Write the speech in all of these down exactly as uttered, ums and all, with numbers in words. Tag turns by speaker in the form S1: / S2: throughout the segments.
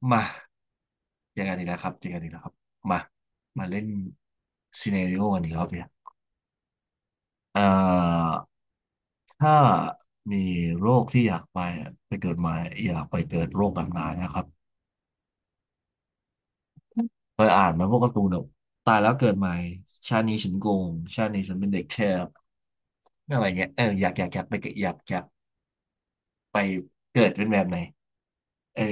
S1: มาเจอกันอีกแล้วครับเจอกันอีกแล้วครับมามาเล่นซีเน a ริโอกันอีกรอบเนี่ยเอ่อถ้ามีโรคที่อยากไปไปเกิดใหม่อยากไปเกิดโรคแบบไหนนะครับเคยอ่านไหมาพวกการ์ตูนแบบตายแล้วเกิดใหม่ชาตินี้ฉันโกงชาตินี้ฉันเป็นเด็กแทบอะไรเงี้ยเอออยากอยากอยากไปเกิดอยากอยากไปเกิดเป็นแบบไหนเออ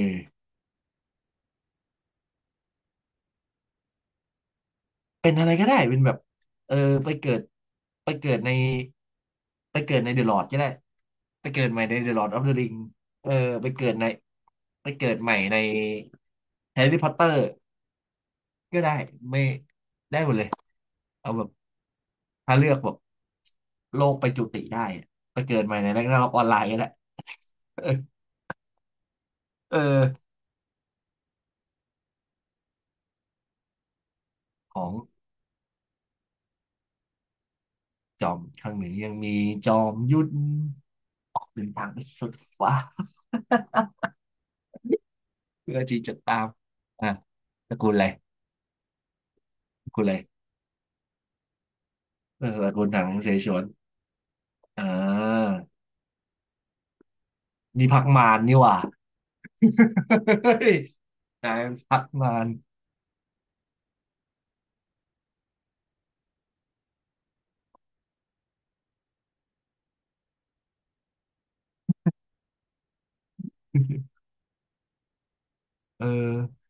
S1: เป็นอะไรก็ได้เป็นแบบเออไปเกิดไปเกิดในไปเกิดในเดอะลอร์ดก็ได้ไปเกิดใหม่ในเดอะลอร์ดออฟเดอะริงเออไปเกิดในไปเกิดใหม่ในแฮร์รี่พอตเตอร์ก็ได้ไม่ได้หมดเลยเอาแบบถ้าเลือกแบบโลกไปจุติได้อะไปเกิดใหม่ในแร็กนาร็อกออนไลน์ก็ได้ เออเออของจอมข้างหนึ่งยังมีจอมยุทธออกเดินทางไปสุดฟ้าเพื่อที่จะตามอ่ะตระกูลอะไร คุณอะไรเออตระกูลถังเสฉวนอ่านี่พักมานนี่หว่า เฮ้ยนายพักมาน เออ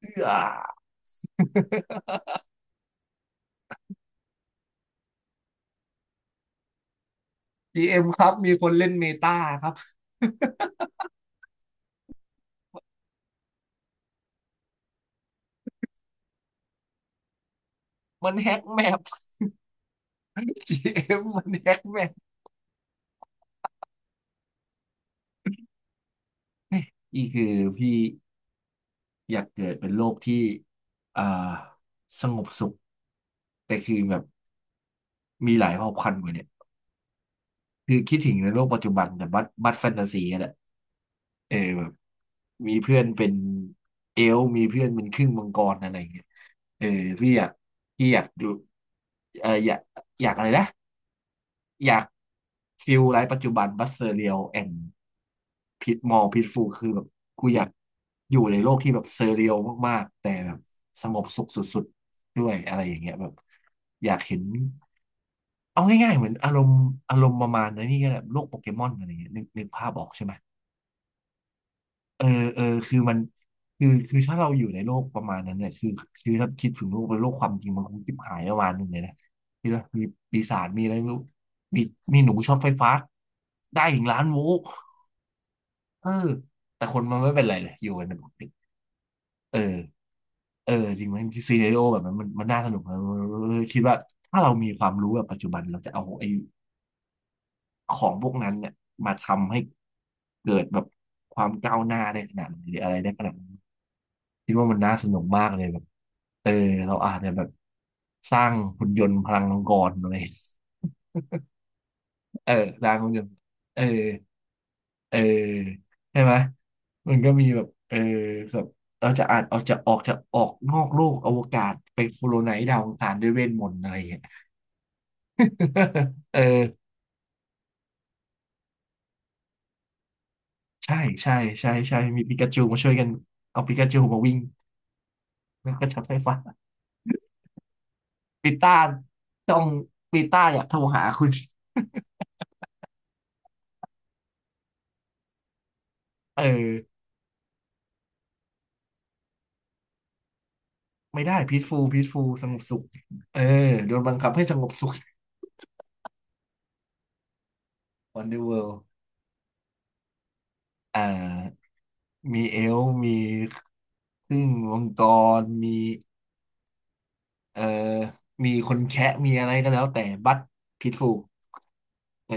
S1: เอื้อ จี เอ็ม ครับมีคนเล่นเมตาครับ มันแฮ็กแมปจีเอ็มมันแฮ็กแมปนี่คือพี่อยากเกิดเป็นโลกที่อ่าสงบสุขแต่คือแบบมีหลายเผ่าพันธุ์กว่าเนี่ยคือคิดถึงในโลกปัจจุบันแต่บัดบัดแฟนตาซีอะแหละ เออแบบมีเพื่อนเป็นเอลฟ์มีเพื่อนเป็นครึ่งมังกรอะไรอย่างเงี้ยเออพี่อยากพี่อยากดูเอออยากอยากอะไรนะอยากฟิลไลฟ์ปัจจุบันบัสเซอเรียลแอนด์พิทมอลพิทฟูคือแบบกูอยากอยู่ในโลกที่แบบเซอเรียลมากๆแต่แบบสงบสุขสุดๆด้วยอะไรอย่างเงี้ยแบบอยากเห็นเอาง่ายๆเหมือนอารมณ์อารมณ์ประมาณนั้นนี่ก็แบบโลกโปเกมอนอะไรเงี้ยนึกนึกภาพออกใช่ไหม เออเออคือมันคือคือถ้าเราอยู่ในโลกประมาณนั้นเนี่ยคือคือถ้าคิดถึงโลกเป็นโลกความจริงมันคงจิบหายประมาณหนึ่งเลยนะคิดว่ามีปีศาจมีอะไรไม่รู้มีมีหนูช็อตไฟฟ้าได้ถึงล้านโวลต์เออแต่คนมันไม่เป็นไรเลยอยู่กันปกติเออเออจริงไหมซีเน r ร o แบบนั้นมันมันน่าสนุกนะเออคิดว่าถ้าเรามีความรู้แบบปัจจุบันเราจะเอาไอ้ของพวกนั้นเนี่ยมาทำให้เกิดแบบความก้าวหน้าได้ขนาดไหนหรืออะไรได้ขนาดไหน คิดว่ามันน่าสนุกมากเลยแบบเออเราอาจจะแบบสร้างหุ่นยนต์พลังมังกรอะไร เออสร้างหุ่นยนต์เออเออใช่ไหมมันก็มีแบบเออแบบเราจะอาจเอาจะออกจะออกนอกโลกอวกาศไปโคโลไนซ์ดาวอังคารด้วยเวทมนต์อะไรอย่างเงี้ย เออใช่ใช่ใช่ใช่มีปิกาจูมาช่วยกันเอาปิกาจูมาวิ่งแล้วก็ช็อตไฟฟ้าปีต้าต้องปีต้าอยากโทรหาคุณเออ ไม่ได้ peaceful peaceful สงบสุขเออโดนบังคับให้สงบสุข Wonder World อ่ามีเอลฟ์มีครึ่งมังกรมีเอ่อมีคนแคะมีอะไรก็แล้วแต่บัต peaceful เออ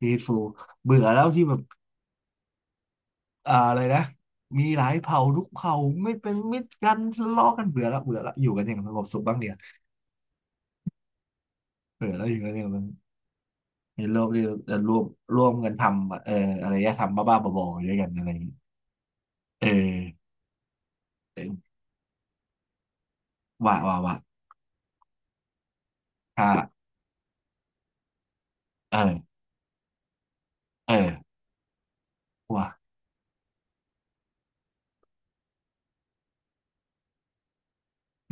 S1: peaceful เบื่อแล้วที่แบบอ่าอะไรนะมีหลายเผ่าทุกเผ่าไม่เป็นมิตรกันทะเลาะกันเบื่อละเบื่อละอยู่กันอย่างสงบสุขบ้างเดียวเบื่อแล้วอยู่กันอย่างมันในโลกที่จะร่วมร่วมกันทำเอ่ออารยธรรมบ้าๆบอๆด้วยกันอะไรอย่างงี้เออ เออว่าว่าว่าอ่าเออเออว่า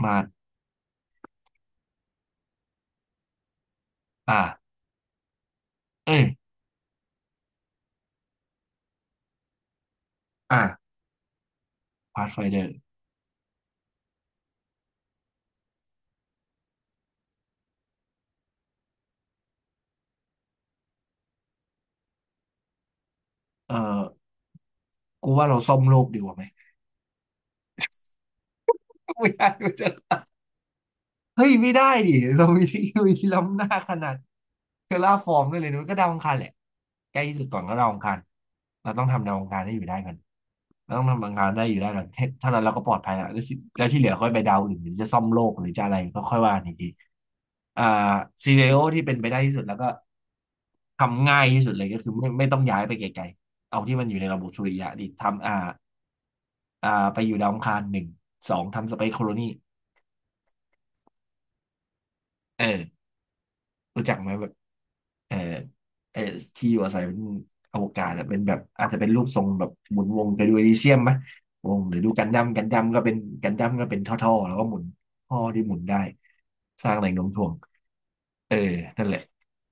S1: มาดอ่าเอ้ยอ่าพาสไฟเดอร์เออกูว่าเราซ่อมโลกดีกว่าไหม ไม่ได้ไม่ได้เฮ้ยไม่ได้ดิ เรามีเทคโนโลยีล้ำหน้าขนาดเทอราฟอร์มได้เลยนะมันก็ดาวอังคารแหละใกล้ที่สุดก่อนก็ดาวอังคารเราต้องทำดาวอังคารให้อยู่ได้ก่อน เราต้องทำบางการได้อยู่แล้วหลังเท่านั้นเราก็ปลอดภัยแล้วแล้วสิแล้วที่เหลือค่อยไปดาวอื่นหรือจะซ่อมโลกหรือจะอะไรก็ค่อยว่าอีกทีอ่าซีเรียลที่เป็นไปได้ที่สุดแล้วก็ทำง่ายที่สุดเลยก็คือไม่ไม่ต้องย้ายไปไกลๆเอาที่มันอยู่ในระบบสุริยะดิทำอ่าอ่าไปอยู่ดาวอังคารหนึ่งสองทำสเปซโคโลนีเออรู้จักไหมแบบ เออเออที่อยู่อาศัยเป็นอวกาศอะเป็นแบบอาจจะเป็นรูปทรงแบบหมุนวงไปดูเอลิเซียมไหมวงหรือดูกันดั้มกันดั้มก็เป็นกันดั้มก็เป็นท่อๆแล้วก็หมุนท่อที่หมุนได้สร้างแรงโน้มถ่วงเออนั่นแหละ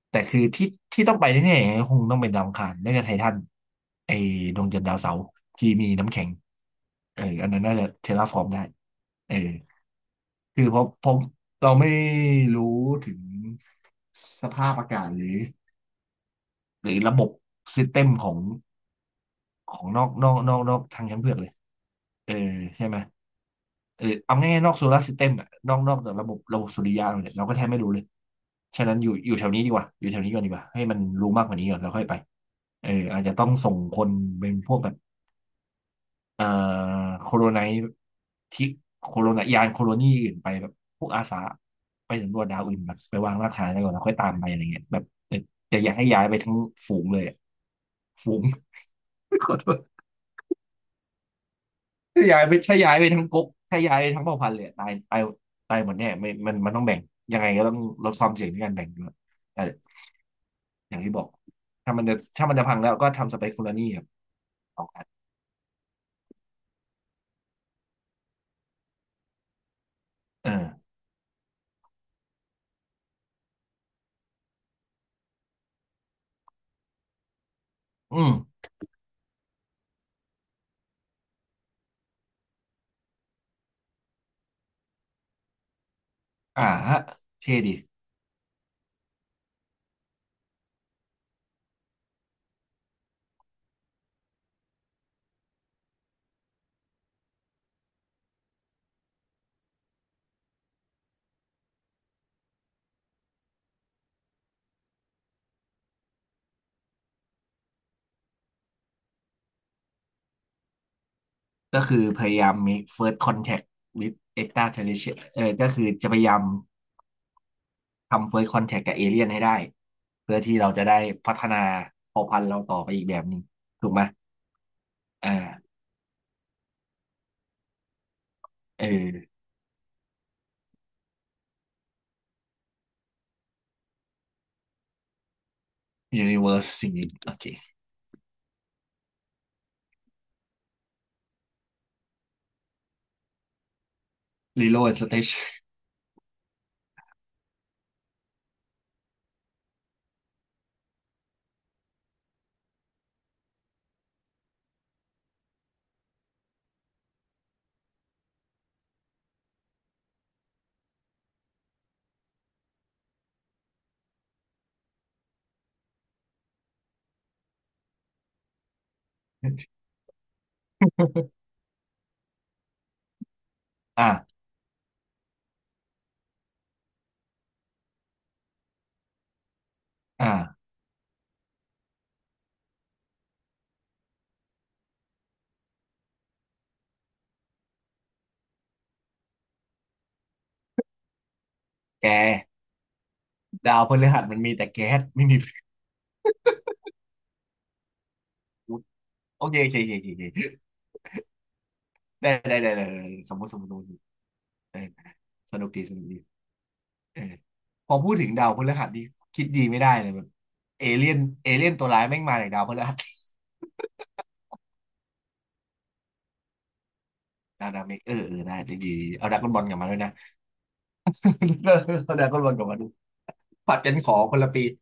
S1: แต่คือที่ที่ต้องไปแน่ๆคงต้องเป็นดาวอังคารไม่ก็ไททันไอ้ดวงจันทร์ดาวเสาร์ที่มีน้ำแข็งเอออันนั้นน่าจะเทราฟอร์มได้เออคือเพราะเพราะเราไม่รู้ถึงสภาพอากาศหรือ หรือระบบซิสเต็มของของนอกนอกนอกนอกทางช้างเผือกเลย เออใช่ไหมเออเอาง่ายๆนอกโซลาร์ซิสเต็มอะนอกนอกจากระบบระบบสุริยะเราเนี่ยเราก็แทบไม่รู้เลย ฉะนั้นอยู่อยู่แถวนี้ดีกว่าอยู่แถวนี้ก่อนดีกว่าให้มันรู้มากกว่านี้ก่อนแล้วค่อยไปเอออาจจะต้องส่งคนเป็นพวกแบบเอ่อโคโรไนที่โคโรนายานโคโรนีอื่นไปแบบพวกอาสาไปสำรวจดาวอื่นแบบไปวางรากฐานอะไรก่อนแล้วค่อยตามไปอะไรเงี้ยแบบแต่แต่อย่าให้ย้ายไปทั้งฝูงเลยอะฝูง ขอโทษถ้าย้ายไปถ้าย้ายไปทั้งก๊กถ้าย้ายทั้งเผ่าพันธุ์เลยอะตายตายตายหมดแน่ไม่มันมันต้องแบ่งยังไงก็ต้องลดความเสี่ยงในการแบ่งด้วยแต่อย่างที่บอกถ้ามันจะถ้ามันจะพังแล้วก็ทำสเปคโคนลนี่ครับสองอันเอออืมอ่าฮะเท่ดีก็คือพยายาม เมค เฟิร์สท คอนแทค วิธ เอ็กซ์ตร้าเทอเรสเทรียล เออก็คือจะพยายามทำ first contact กับเอเลี่ยนให้ได้เพื่อที่เราจะได้พัฒนาเผ่าพันธุ์เราต่อไปอีกแบบหนึ่งถูกไหมอ่าเออ ยูนิเวิร์ส สิ่งนี้โอเค รีโหลดสเตชัน อ่าอ่าแกดาวพฤหัสมันมีแต่แก๊สไม่มีฟิวโอเคโอเคโอเคโอเคได้ได้ได้ได้ได้สมมติสมมติสมมติเออสนุกดีสนุกดีเออพอพูดถึงดาวพฤหัสนี่คิดดีไม่ได้เลยแบบเอเลี่ยนเอเลี่ยนตัวร้ายแม่งมาจากดาวพฤหัสดาวดาวเมกเออเออได้ดีดีเอาดราก้อนบอลกลับมาด้วยนะ เอาดราก้อนบอลกลับมาดูผัดกันขอคนละปี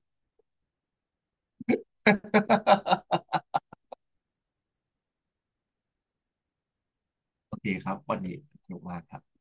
S1: โอเคครับวันนี้สนุกมากครับ